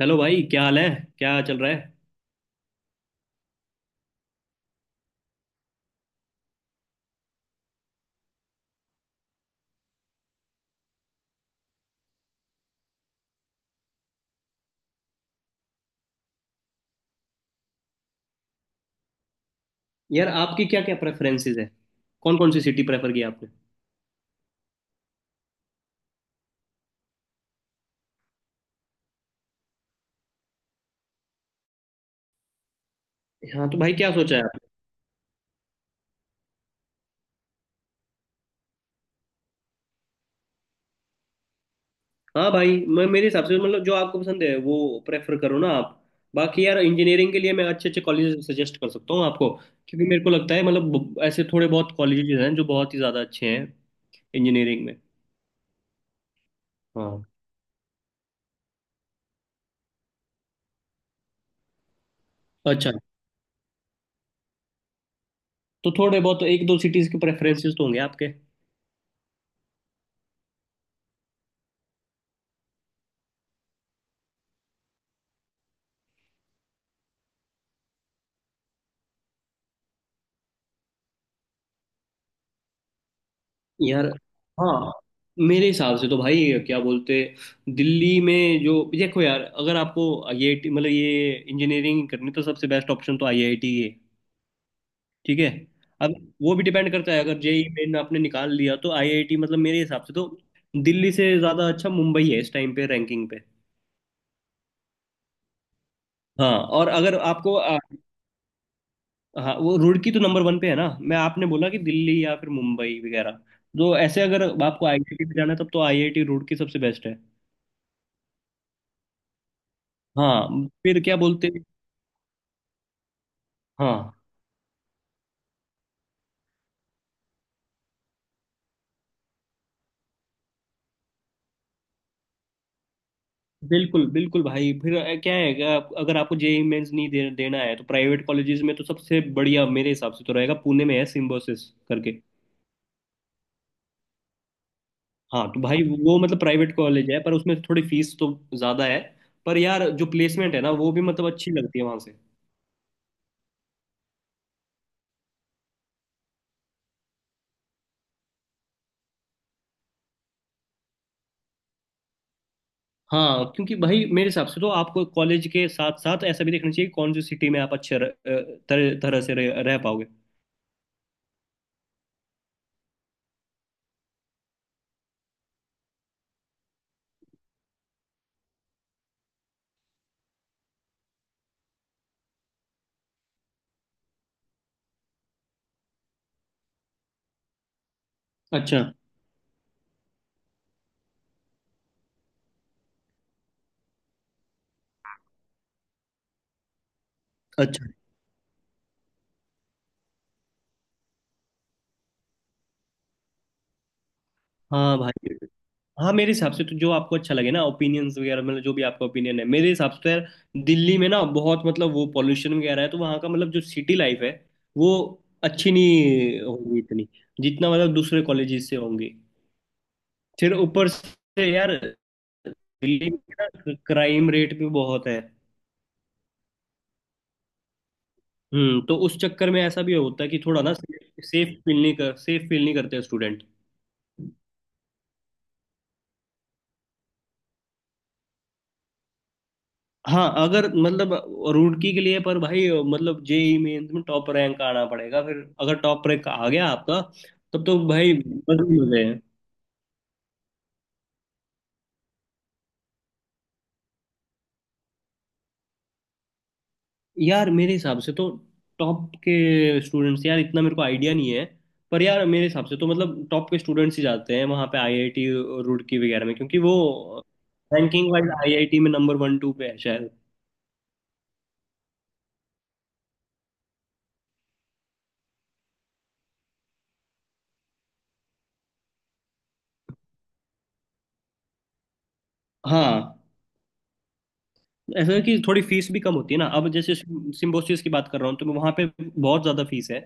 Hello भाई, क्या हाल है? क्या चल रहा है? यार आपकी क्या क्या प्रेफरेंसेस है? कौन कौन सी सिटी प्रेफर की आपने? हाँ तो भाई, क्या सोचा है आपने? हाँ भाई, मैं मेरे हिसाब से मतलब जो आपको पसंद है वो प्रेफर करो ना आप। बाकी यार इंजीनियरिंग के लिए मैं अच्छे अच्छे कॉलेजेस सजेस्ट कर सकता हूँ आपको। क्योंकि मेरे को लगता है मतलब ऐसे थोड़े बहुत कॉलेजेस हैं जो बहुत ही ज़्यादा अच्छे हैं इंजीनियरिंग में। हाँ, अच्छा, तो थोड़े बहुत एक दो सिटीज़ के प्रेफरेंसेस तो होंगे आपके। यार हाँ, मेरे हिसाब से तो भाई क्या बोलते, दिल्ली में जो देखो यार, अगर आपको आईआईटी मतलब ये इंजीनियरिंग करनी तो सबसे बेस्ट ऑप्शन तो आईआईटी है। ठीक है। अब वो भी डिपेंड करता है, अगर जेई मेन आपने निकाल लिया तो आईआईटी मतलब मेरे हिसाब से तो दिल्ली से ज़्यादा अच्छा मुंबई है इस टाइम पे रैंकिंग पे। हाँ और अगर आपको हाँ वो रुड़की तो नंबर वन पे है ना, मैं आपने बोला कि दिल्ली या फिर मुंबई वगैरह, तो ऐसे अगर आपको आईआईटी में जाना है तब तो आईआईटी रुड़की सबसे बेस्ट है। हाँ फिर क्या बोलते हैं। हाँ बिल्कुल बिल्कुल भाई, फिर क्या है, अगर अगर आपको जेई मेंस नहीं देना है तो प्राइवेट कॉलेजेस में तो सबसे बढ़िया मेरे हिसाब से तो रहेगा पुणे में है, सिम्बोसिस करके। हाँ तो भाई वो मतलब प्राइवेट कॉलेज है पर उसमें थोड़ी फीस तो ज़्यादा है। पर यार जो प्लेसमेंट है ना वो भी मतलब अच्छी लगती है वहाँ से। हाँ क्योंकि भाई मेरे हिसाब से तो आपको कॉलेज के साथ साथ ऐसा भी देखना चाहिए, कौन सी सिटी में आप अच्छे तरह तरह से रह पाओगे। अच्छा, अच्छा। हाँ भाई, हाँ मेरे हिसाब से तो जो आपको अच्छा लगे ना, ओपिनियंस वगैरह मतलब जो भी आपका ओपिनियन है, मेरे हिसाब से तो यार दिल्ली में ना बहुत मतलब वो पॉल्यूशन वगैरह है, तो वहाँ का मतलब जो सिटी लाइफ है वो अच्छी नहीं होगी इतनी, जितना मतलब दूसरे कॉलेजेस से होंगी। फिर ऊपर से यार दिल्ली में क्राइम रेट भी बहुत है। हम्म, तो उस चक्कर में ऐसा भी होता है कि थोड़ा ना सेफ फील नहीं करते स्टूडेंट। हाँ अगर मतलब रुड़की के लिए, पर भाई मतलब जेई मेंस में टॉप रैंक आना पड़ेगा। फिर अगर टॉप रैंक आ गया आपका तब तो भाई बदल हो गए। यार मेरे हिसाब से तो टॉप के स्टूडेंट्स, यार इतना मेरे को आइडिया नहीं है, पर यार मेरे हिसाब से तो मतलब टॉप के स्टूडेंट्स ही जाते हैं वहाँ पे आईआईटी रुड़की वगैरह में, क्योंकि वो रैंकिंग वाइज आईआईटी में नंबर वन टू पे है शायद। हाँ ऐसा है कि थोड़ी फीस भी कम होती है ना, अब जैसे सिम्बोसिस की बात कर रहा हूँ तो, मैं वहाँ पे बहुत ज़्यादा फीस है।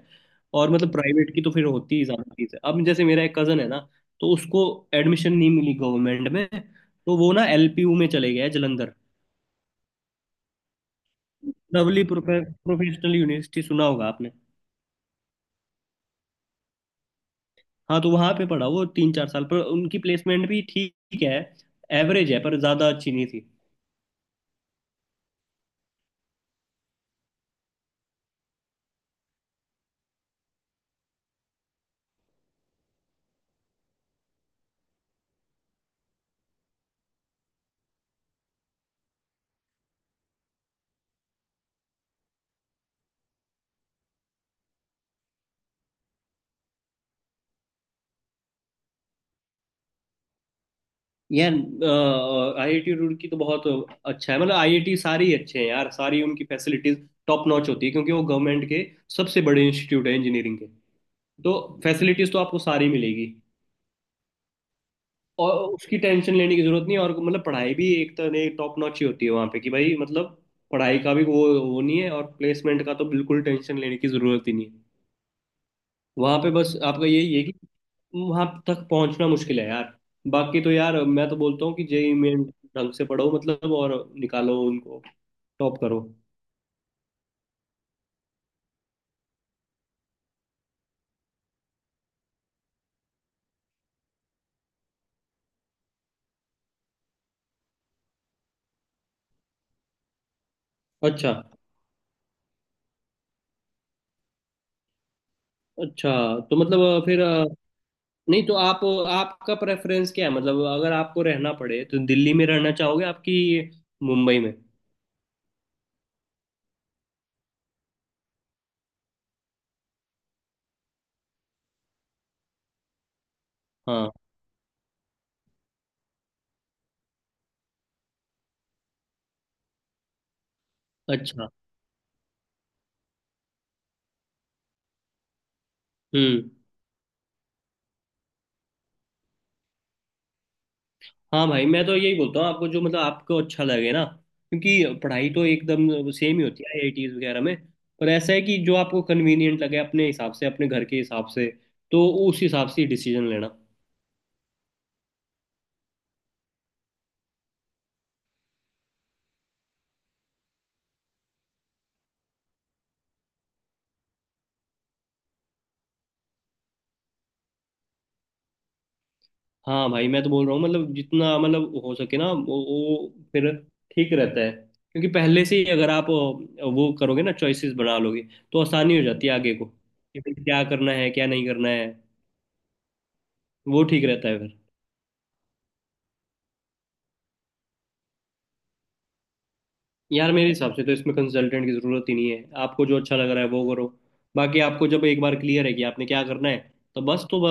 और मतलब प्राइवेट की तो फिर होती ही ज़्यादा फीस है। अब जैसे मेरा एक कज़न है ना, तो उसको एडमिशन नहीं मिली गवर्नमेंट में, तो वो ना एलपीयू में चले गया है जलंधर। लवली प्रोफेशनल यूनिवर्सिटी सुना होगा आपने। हाँ तो वहाँ पे पढ़ा वो तीन चार साल, पर उनकी प्लेसमेंट भी ठीक है, एवरेज है पर ज़्यादा अच्छी नहीं थी। यार आईआईटी रुड़की तो बहुत अच्छा है, मतलब आईआईटी सारी ही अच्छे हैं यार, सारी उनकी फैसिलिटीज टॉप नॉच होती है, क्योंकि वो गवर्नमेंट के सबसे बड़े इंस्टीट्यूट है इंजीनियरिंग के, तो फैसिलिटीज तो आपको सारी मिलेगी, और उसकी टेंशन लेने की जरूरत नहीं है। और मतलब पढ़ाई भी एक तरह टॉप नॉच ही होती है वहाँ पे, कि भाई मतलब पढ़ाई का भी वो नहीं है, और प्लेसमेंट का तो बिल्कुल टेंशन लेने की जरूरत ही नहीं है। वहां पे बस आपका यही है कि वहां तक पहुंचना मुश्किल है यार। बाकी तो यार मैं तो बोलता हूँ कि जेई मेन ढंग से पढ़ो मतलब, और निकालो उनको, टॉप करो। अच्छा अच्छा, तो मतलब फिर नहीं तो आप, आपका प्रेफरेंस क्या है मतलब, अगर आपको रहना पड़े तो दिल्ली में रहना चाहोगे आपकी मुंबई में? हाँ। अच्छा। हम्म। हाँ भाई, मैं तो यही बोलता हूँ आपको, जो मतलब आपको अच्छा लगे ना, क्योंकि पढ़ाई तो एकदम सेम ही होती है आईआईटीज वगैरह में। पर ऐसा है कि जो आपको कन्वीनियंट लगे अपने हिसाब से, अपने घर के हिसाब से, तो उस हिसाब से डिसीजन लेना। हाँ भाई, मैं तो बोल रहा हूँ मतलब जितना मतलब हो सके ना वो फिर ठीक रहता है, क्योंकि पहले से ही अगर आप वो करोगे ना, चॉइसेस बना लोगे, तो आसानी हो जाती है आगे को, कि भाई क्या करना है क्या नहीं करना है। वो ठीक रहता है फिर। यार मेरे हिसाब से तो इसमें कंसल्टेंट की जरूरत ही नहीं है, आपको जो अच्छा लग रहा है वो करो। बाकी आपको जब एक बार क्लियर है कि आपने क्या करना है, तो बस तो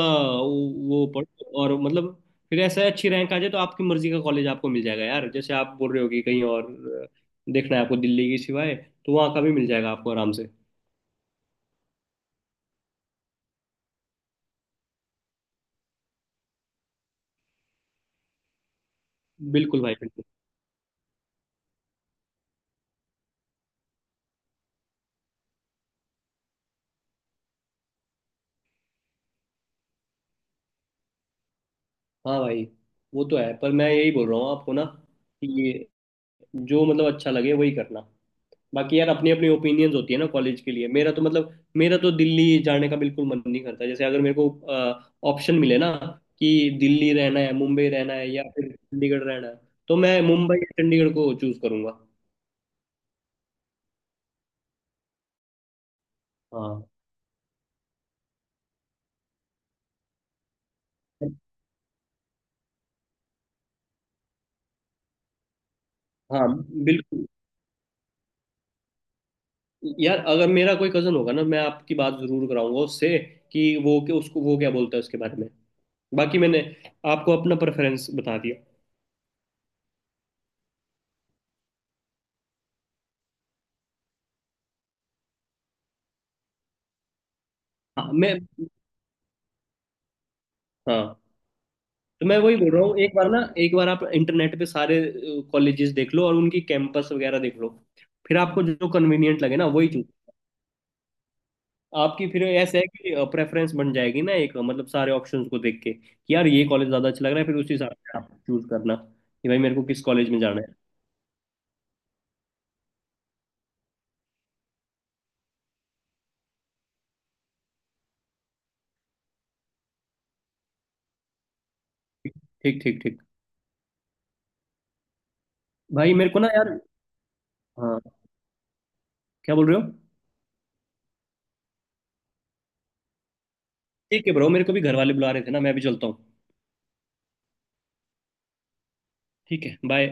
वो पढ़ो और मतलब, फिर ऐसा है, अच्छी रैंक आ जाए तो आपकी मर्जी का कॉलेज आपको मिल जाएगा यार। जैसे आप बोल रहे हो कि कहीं और देखना है आपको दिल्ली के सिवाय, तो वहाँ का भी मिल जाएगा आपको आराम से। बिल्कुल भाई, बिल्कुल। हाँ भाई, वो तो है पर मैं यही बोल रहा हूँ आपको ना, कि जो मतलब अच्छा लगे वही करना। बाकी यार अपनी अपनी ओपिनियंस होती है ना कॉलेज के लिए, मेरा तो मतलब मेरा तो दिल्ली जाने का बिल्कुल मन नहीं करता, जैसे अगर मेरे को ऑप्शन मिले ना कि दिल्ली रहना है, मुंबई रहना है या फिर चंडीगढ़ रहना है, तो मैं मुंबई या चंडीगढ़ को चूज करूंगा। हाँ। हाँ बिल्कुल, यार अगर मेरा कोई कजन होगा ना, मैं आपकी बात जरूर कराऊंगा उससे, कि वो के उसको वो क्या बोलता है उसके बारे में। बाकी मैंने आपको अपना प्रेफरेंस बता दिया। हाँ मैं, हाँ तो मैं वही बोल रहा हूँ, एक बार ना एक बार आप इंटरनेट पे सारे कॉलेजेस देख लो, और उनकी कैंपस वगैरह देख लो। फिर आपको जो कन्वीनियंट लगे ना, वही चूज आपकी, फिर ऐसा है कि प्रेफरेंस बन जाएगी ना एक, मतलब सारे ऑप्शंस को देख के कि यार ये कॉलेज ज्यादा अच्छा लग रहा है, फिर उसी हिसाब से आप चूज करना, कि भाई मेरे को किस कॉलेज में जाना है। ठीक ठीक ठीक। भाई मेरे को ना यार, हाँ क्या बोल रहे हो, ठीक है ब्रो, मेरे को भी घर वाले बुला रहे थे ना, मैं भी चलता हूँ। ठीक है, बाय।